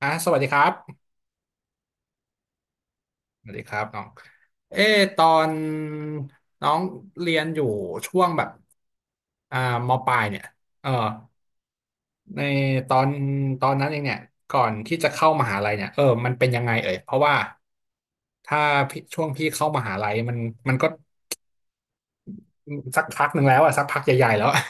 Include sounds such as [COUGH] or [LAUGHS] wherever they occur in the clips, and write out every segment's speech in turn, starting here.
อ่ะสวัสดีครับสวัสดีครับน้องเออตอนน้องเรียนอยู่ช่วงแบบอ่ามปลายเนี่ยเออในตอนตอนนั้นเองเนี่ยก่อนที่จะเข้ามหาลัยเนี่ยมันเป็นยังไงเอ่ยเพราะว่าถ้าพี่ช่วงพี่เข้ามหาลัยมันก็สักพักหนึ่งแล้วอะสักพักใหญ่ๆแล้วอะ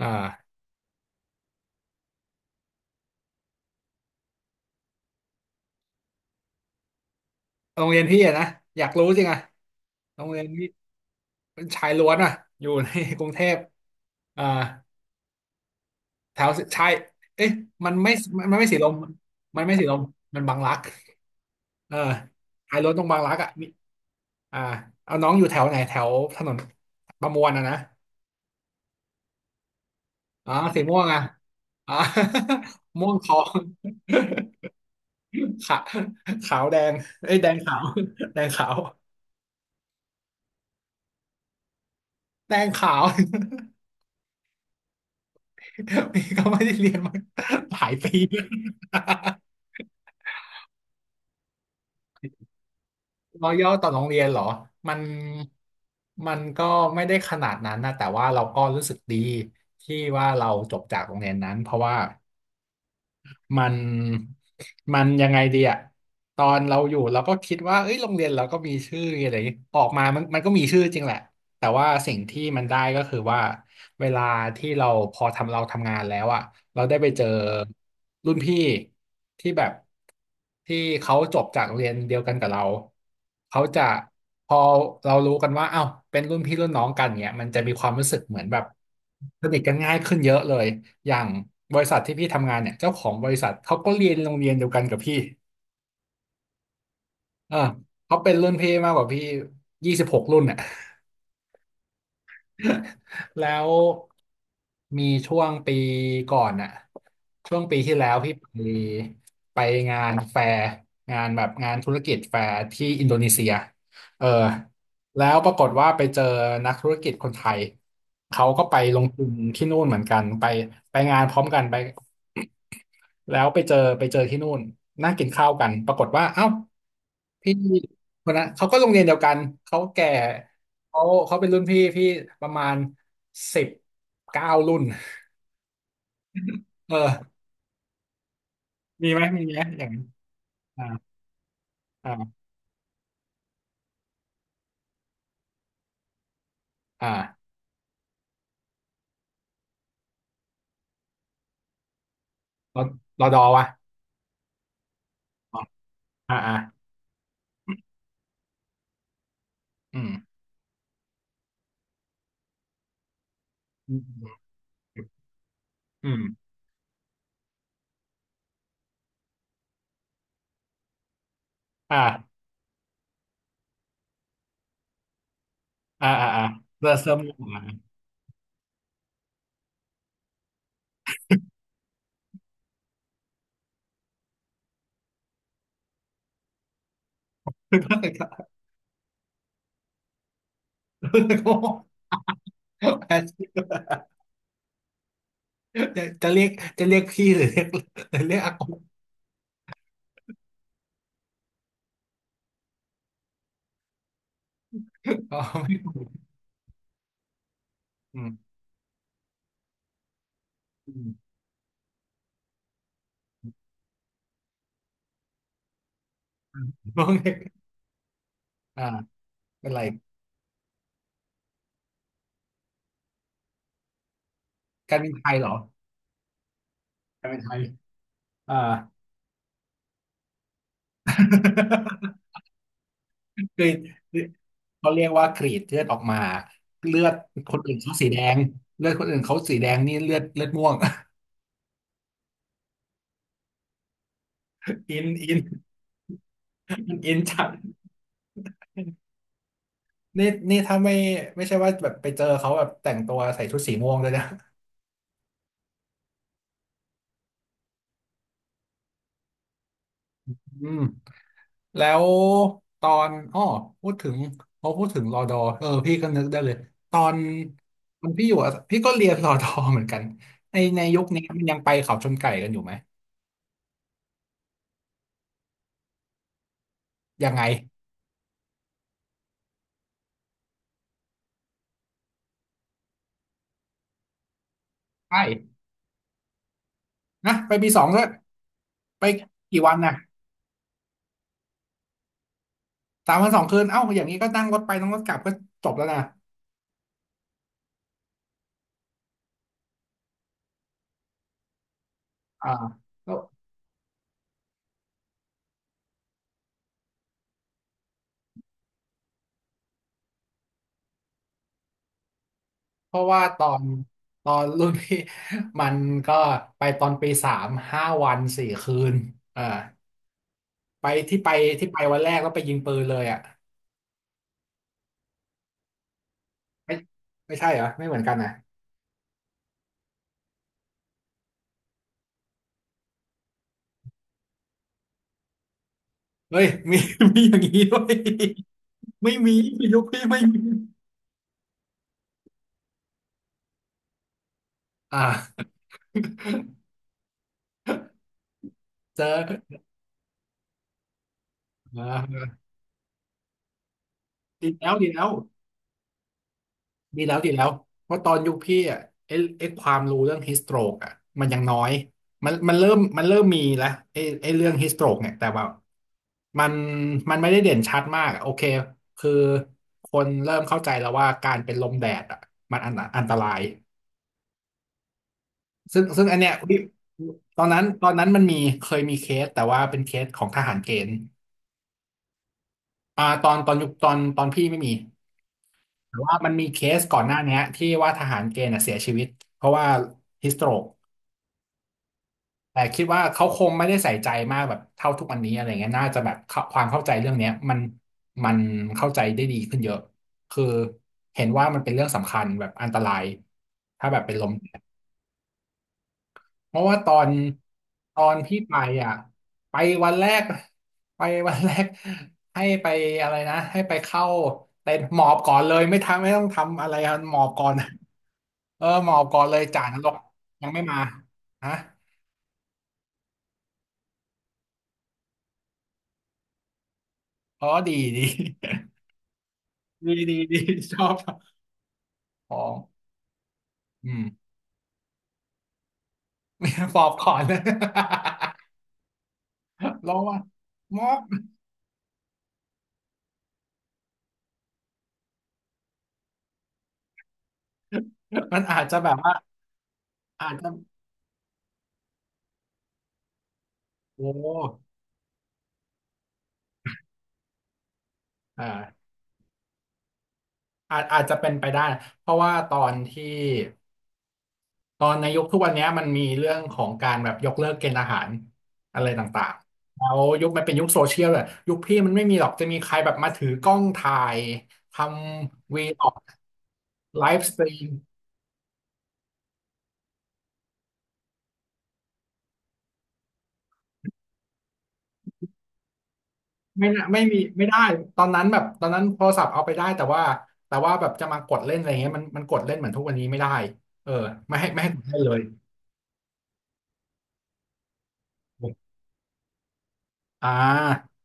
อ่าโรงเรียนพี่อะนะอยากรู้จริงอะโรงเรียนพี่เป็นชายล้วนอะอยู่ใน [LAUGHS] กรุงเทพอ่า แถวใช่เอ๊ะมันไม่มันไม่สีลมมันไม่สีลมมันบางรักเออขายรถตรงบางรักอ่ะมีอ่าเอาน้องอยู่แถวไหนแถวถนนประมวลอ่ะนะอ๋อสีม่วงอ่ะอ๋อ [LAUGHS] ม่วงทอง [LAUGHS] ขาขาวแดงเอ้ยแดงขาวแดงขาวแดงขาว [LAUGHS] นี่ก็ไม่ได้เรียนมาหลายปี รอย่อต่อโรงเรียนเหรอมันมันก็ไม่ได้ขนาดนั้นนะแต่ว่าเราก็รู้สึกดีที่ว่าเราจบจากโรงเรียนนั้นเพราะว่ามันมันยังไงดีอะตอนเราอยู่เราก็คิดว่าเอ้ยโรงเรียนเราก็มีชื่ออะไรอย่างงี้ออกมามันก็มีชื่อจริงแหละ แต่ว่าสิ่งที่มันได้ก็คือว่าเวลาที่เราพอทำเราทำงานแล้วอ่ะเราได้ไปเจอรุ่นพี่ที่แบบที่เขาจบจากโรงเรียนเดียวกันกับเราเขาจะพอเรารู้กันว่าเอ้าวเป็นรุ่นพี่รุ่นน้องกันเนี่ยมันจะมีความรู้สึกเหมือนแบบสนิทกันง่ายขึ้นเยอะเลยอย่างบริษัทที่พี่ทำงานเนี่ยเจ้าของบริษัทเขาก็เรียนโรงเรียนเดียวกันกับพี่เออเขาเป็นรุ่นพี่มากกว่าพี่26 รุ่นอ่ะ [LAUGHS] แล้วมีช่วงปีก่อนอะช่วงปีที่แล้วพี่ไปไปงานแฟร์งานแบบงานธุรกิจแฟร์ที่อินโดนีเซียเออแล้วปรากฏว่าไปเจอนักธุรกิจคนไทยเขาก็ไปลงทุนที่นู่นเหมือนกันไปงานพร้อมกันไปแล้วไปเจอที่นู่นนั่งกินข้าวกันปรากฏว่าเอ้าพี่ คนนั้นเขาก็โรงเรียนเดียวกันเขาแก่เขาเขาเป็นรุ่นพี่พี่ประมาณ19 รุ่นเออมีไหมมีไหมอย่างนั้นอ่าอ่าอ่ารอรอดอวะอ๋ออ่าอ่าอืมอืมอืมอ่าอ่าอ่าอ่าเริ่มมาเพิ่งโง่จะจะเรียกจะเรียกพี่หรือเรียกอากงอ๋อไม่ถูกอืมอืมต้องเรียกอ่าเป็นไรการบินไทยเหรอการบินไทย อ่า [LAUGHS] คือคือเขาเรียกว่ากรีดเลือดออกมาเลือดคนอื่นเขาสีแดงเลือดคนอื่นเขาสีแดงนี่เลือดเลือดม่วง [LAUGHS] อินอิน [LAUGHS] มันอินจัดนี่ถ้าไม่ไม่ใช่ว่าแบบไปเจอเขาแบบแต่งตัวใส่ชุดสีม่วงเลยนะอืมแล้วตอนอ้อพูดถึงพอพูดถึงรอดอเออพี่ก็นึกได้เลยตอนตอนพี่อยู่อะพี่ก็เรียนรอดอเหมือนกันในยุคนี้มันยังไปเขาชนไก่กันอยู่ไหมยังไงใช่นะไปปีสองด้วย ไปกี่วันน่ะ3 วัน 2 คืนเอ้าอย่างนี้ก็นั่งรถไปนั่งรถกลับก็จบแล้วนะอ่าแล้วเพราะว่าตอนรุ่นพี่ [LAUGHS] มันก็ไปตอนปีสาม5 วัน 4 คืนอ่าไปที่ไปที่ไปวันแรกแล้วไปยิงปืนเลยอ่ะไม่ไม่ใช่เหรอไม่เหมือนกันนะเฮ้ยมีอย่างนี้ด้วยไม่มียุคพี่ไม่มีอ่าเจออ่าดีแล้วดีแล้ว ดีแล้วดีแล้วเพราะตอนยุคพี่อ่ะไอ้ไอ้ความรู้เรื่องฮิสโตรกอ่ะมันยังน้อยมันเริ่มมีแล้วไอ้เรื่องฮิสโตรกเนี่ยแต่ว่ามันมันไม่ได้เด่นชัดมากอะโอเคคือคนเริ่มเข้าใจแล้วว่าการเป็นลมแดดอ่ะมันอันตรายซึ่งอันเนี้ยพี่ตอนนั้นมันมีเคยมีเคสแต่ว่าเป็นเคสของทหารเกณฑ์อ่าตอนตอนยุคตอนตอนพี่ไม่มีแต่ว่ามันมีเคสก่อนหน้าเนี้ยที่ว่าทหารเกณฑ์น่ะเสียชีวิตเพราะว่าฮิสโตรก แต่คิดว่าเขาคงไม่ได้ใส่ใจมากแบบเท่าทุกวันนี้อะไรเงี้ยน่าจะแบบเข้าความเข้าใจเรื่องเนี้ยมันเข้าใจได้ดีขึ้นเยอะคือเห็นว่ามันเป็นเรื่องสำคัญแบบอันตรายถ้าแบบเป็นลมเพราะว่าตอนพี่ไปอ่ะไปวันแรกไปวันแรกให้ไปอะไรนะให้ไปเข้าเต็นท์หมอบก่อนเลยไม่ทำไม่ต้องทำอะไรอะหมอบก่อนเออหมอบก่อนเลยจ่านรกยังไม่มาฮะอ๋อดีดีดีดีดีชอบ ฟองอืม [LAUGHS] ฟอบก่อนเลย [LAUGHS] ลองว่าม็อบมันอาจจะแบบว่าอาจจะโอ้อ่าอาจอาจจะเป็นไปได้เพราะว่าตอนในยุคทุกวันเนี้ยมันมีเรื่องของการแบบยกเลิกเกณฑ์อาหารอะไรต่างๆแล้วยุคมันเป็นยุคโซเชียลเลยยุคพี่มันไม่มีหรอกจะมีใครแบบมาถือกล้องถ่ายทำวีออกไลฟ์สตรีม ไม่น่าไม่ได้ตอนนั้นแบบตอนนั้นโทรศัพท์เอาไปได้แต่ว่าแบบจะมากดเล่นอะไรเงี้ยมันกดเล่นเหมือนทุกวันนี้ไม่ได้เออไม่ให้กดเล่นเลยอ่า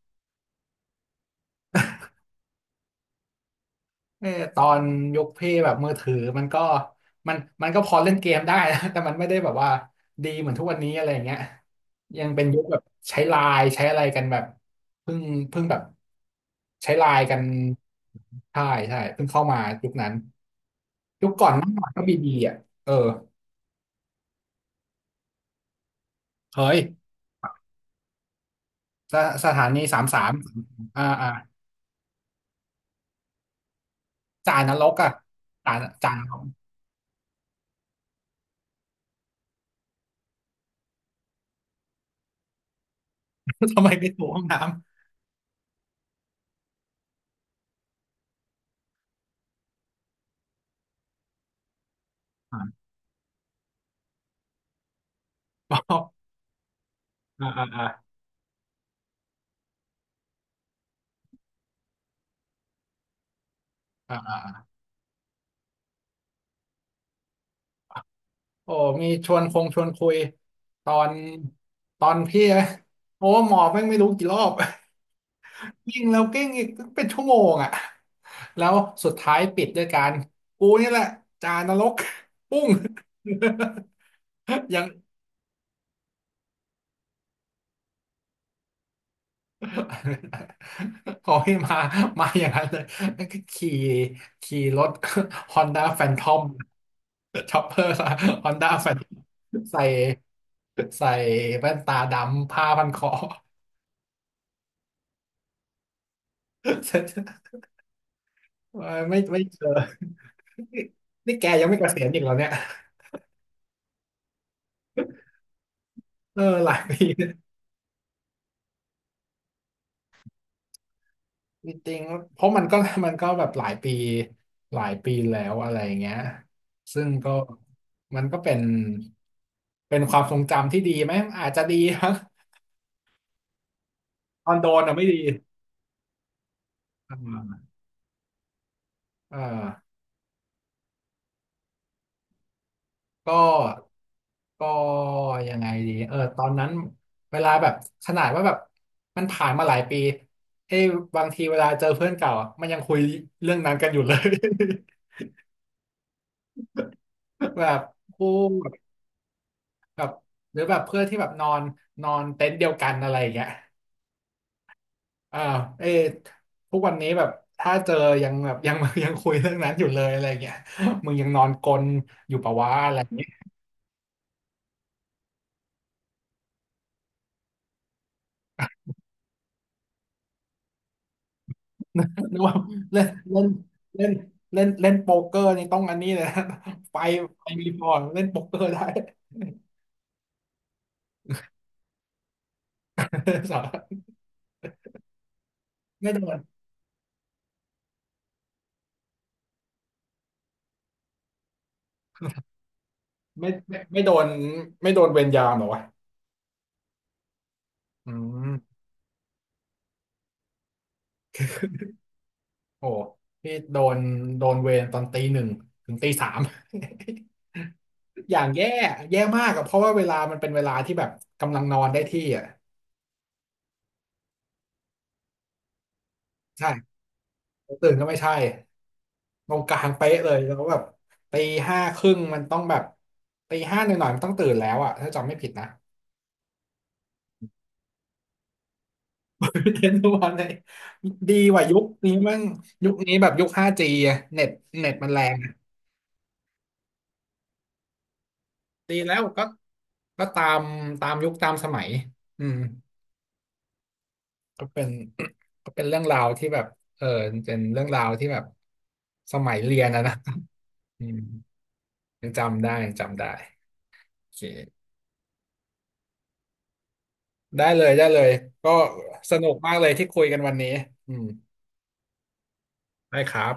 เออตอนยกเพย์แบบมือถือมันก็มันมันก็พอเล่นเกมได้นะ [LAUGHS] แต่มันไม่ได้แบบว่าดีเหมือนทุกวันนี้อะไรอย่างเงี้ยยังเป็นยุคแบบใช้ไลน์ใช้อะไรกันแบบเพิ่งเพิ่งแบบใช้ไลน์กันใช่ใช่เพิ่งเข้ามายุคนั้นยุคก่อนเมื่อก่อนก็บีบีอ่ะเออเคย สถานีสามสามอ่าอ่าจ่านรกอ่ะจ่าจ่านรก [LAUGHS] ทำไมไม่ถูห้องน้ำอ่านเปล่าอ่าอ่าอ่าอ่าอ่าอ่าโอ้มีชวนคงชวนคุยตอนตอนพี่อะโอ้หมอแม่งไม่รู้กี่รอบ [LAUGHS] ยิ่งแล้วกิ้งอีกเป็นชั่วโมงอ่ะแล้วสุดท้ายปิดด้วยการกูนี่แหละจานรกปุ้ง [LAUGHS] ยัง [LAUGHS] ขอให้มามาอย่างนั้นเลยนั่นก็ขี่รถ Honda Phantom ช็อปเปอร์ Honda Phantom ใส่ใส่แว่นตาดำผ้าพันคอ [LAUGHS] เออไม่เจอ นี่แกยังไม่เกษียณอีกแล้วเนี่ยเออหลายปีจริงๆเพราะมันก็มันก็แบบหลายปีหลายปีแล้วอะไรอย่างเงี้ยซึ่งก็มันก็เป็นความทรงจำที่ดีไหมอาจจะดี ตอนโดนอ่ะไม่ดีอ่าอ่าก็ก็ยังไงดีเออตอนนั้นเวลาแบบขนาดว่าแบบมันผ่านมาหลายปีเอ้ยบางทีเวลาเจอเพื่อนเก่าอะมันยังคุยเรื่องนั้นกันอยู่เลย [LAUGHS] แบบคู่แบบหรือแบบเพื่อนที่แบบนอนนอนเต็นท์เดียวกันอะไรอย่างเงี้ยอ่าเอ้ยทุกวันนี้แบบถ้าเจอยังแบบยัง [LAUGHS] ยังคุยเรื่องนั้นอยู่เลยอะไรอย่างเงี้ยมึงยังนอนกลนอยู่ปะวะอะไรอย่างเงี้ย นึกว่าเล่นเล่นเล่นเล่นเล่นโป๊กเกอร์นี่ต้องอันนี้เลยนะ [LAUGHS] ไฟไฟมีพอเล่นโป๊กเกอร์ได้ [LAUGHS] สาไม่โดนไม่โดนไม่โดนเวรยามเหรอวะอืมโอ้พี่โดนโดนเวรตอนตี 1ถึงตี 3 [LAUGHS] อย่างแย่แย่มากอะเพราะว่าเวลามันเป็นเวลาที่แบบกำลังนอนได้ที่อ่ะใช่ตื่นก็ไม่ใช่ตรงกลางเป๊ะเลยแล้วแบบตีห้าครึ่งมันต้องแบบตีห้าหน่อยๆมันต้องตื่นแล้วอะถ้าจำไม่ผิดนะ เทรนด์ทุกวันเลยดีกว่ายุคนี้มั่งยุคนี้แบบยุค 5G อะเน็ตมันแรงอะดีแล้วก็ก็ตามตามยุคตามสมัยอืมก็เป็น [CLEARS THROAT] ก็เป็นเรื่องราวที่แบบเออเป็นเรื่องราวที่แบบสมัยเรียนอะนะอืมยังจำได้ยังจำได้โอเคได้เลยได้เลยก็สนุกมากเลยที่คุยกันวันนี้อืมได้ครับ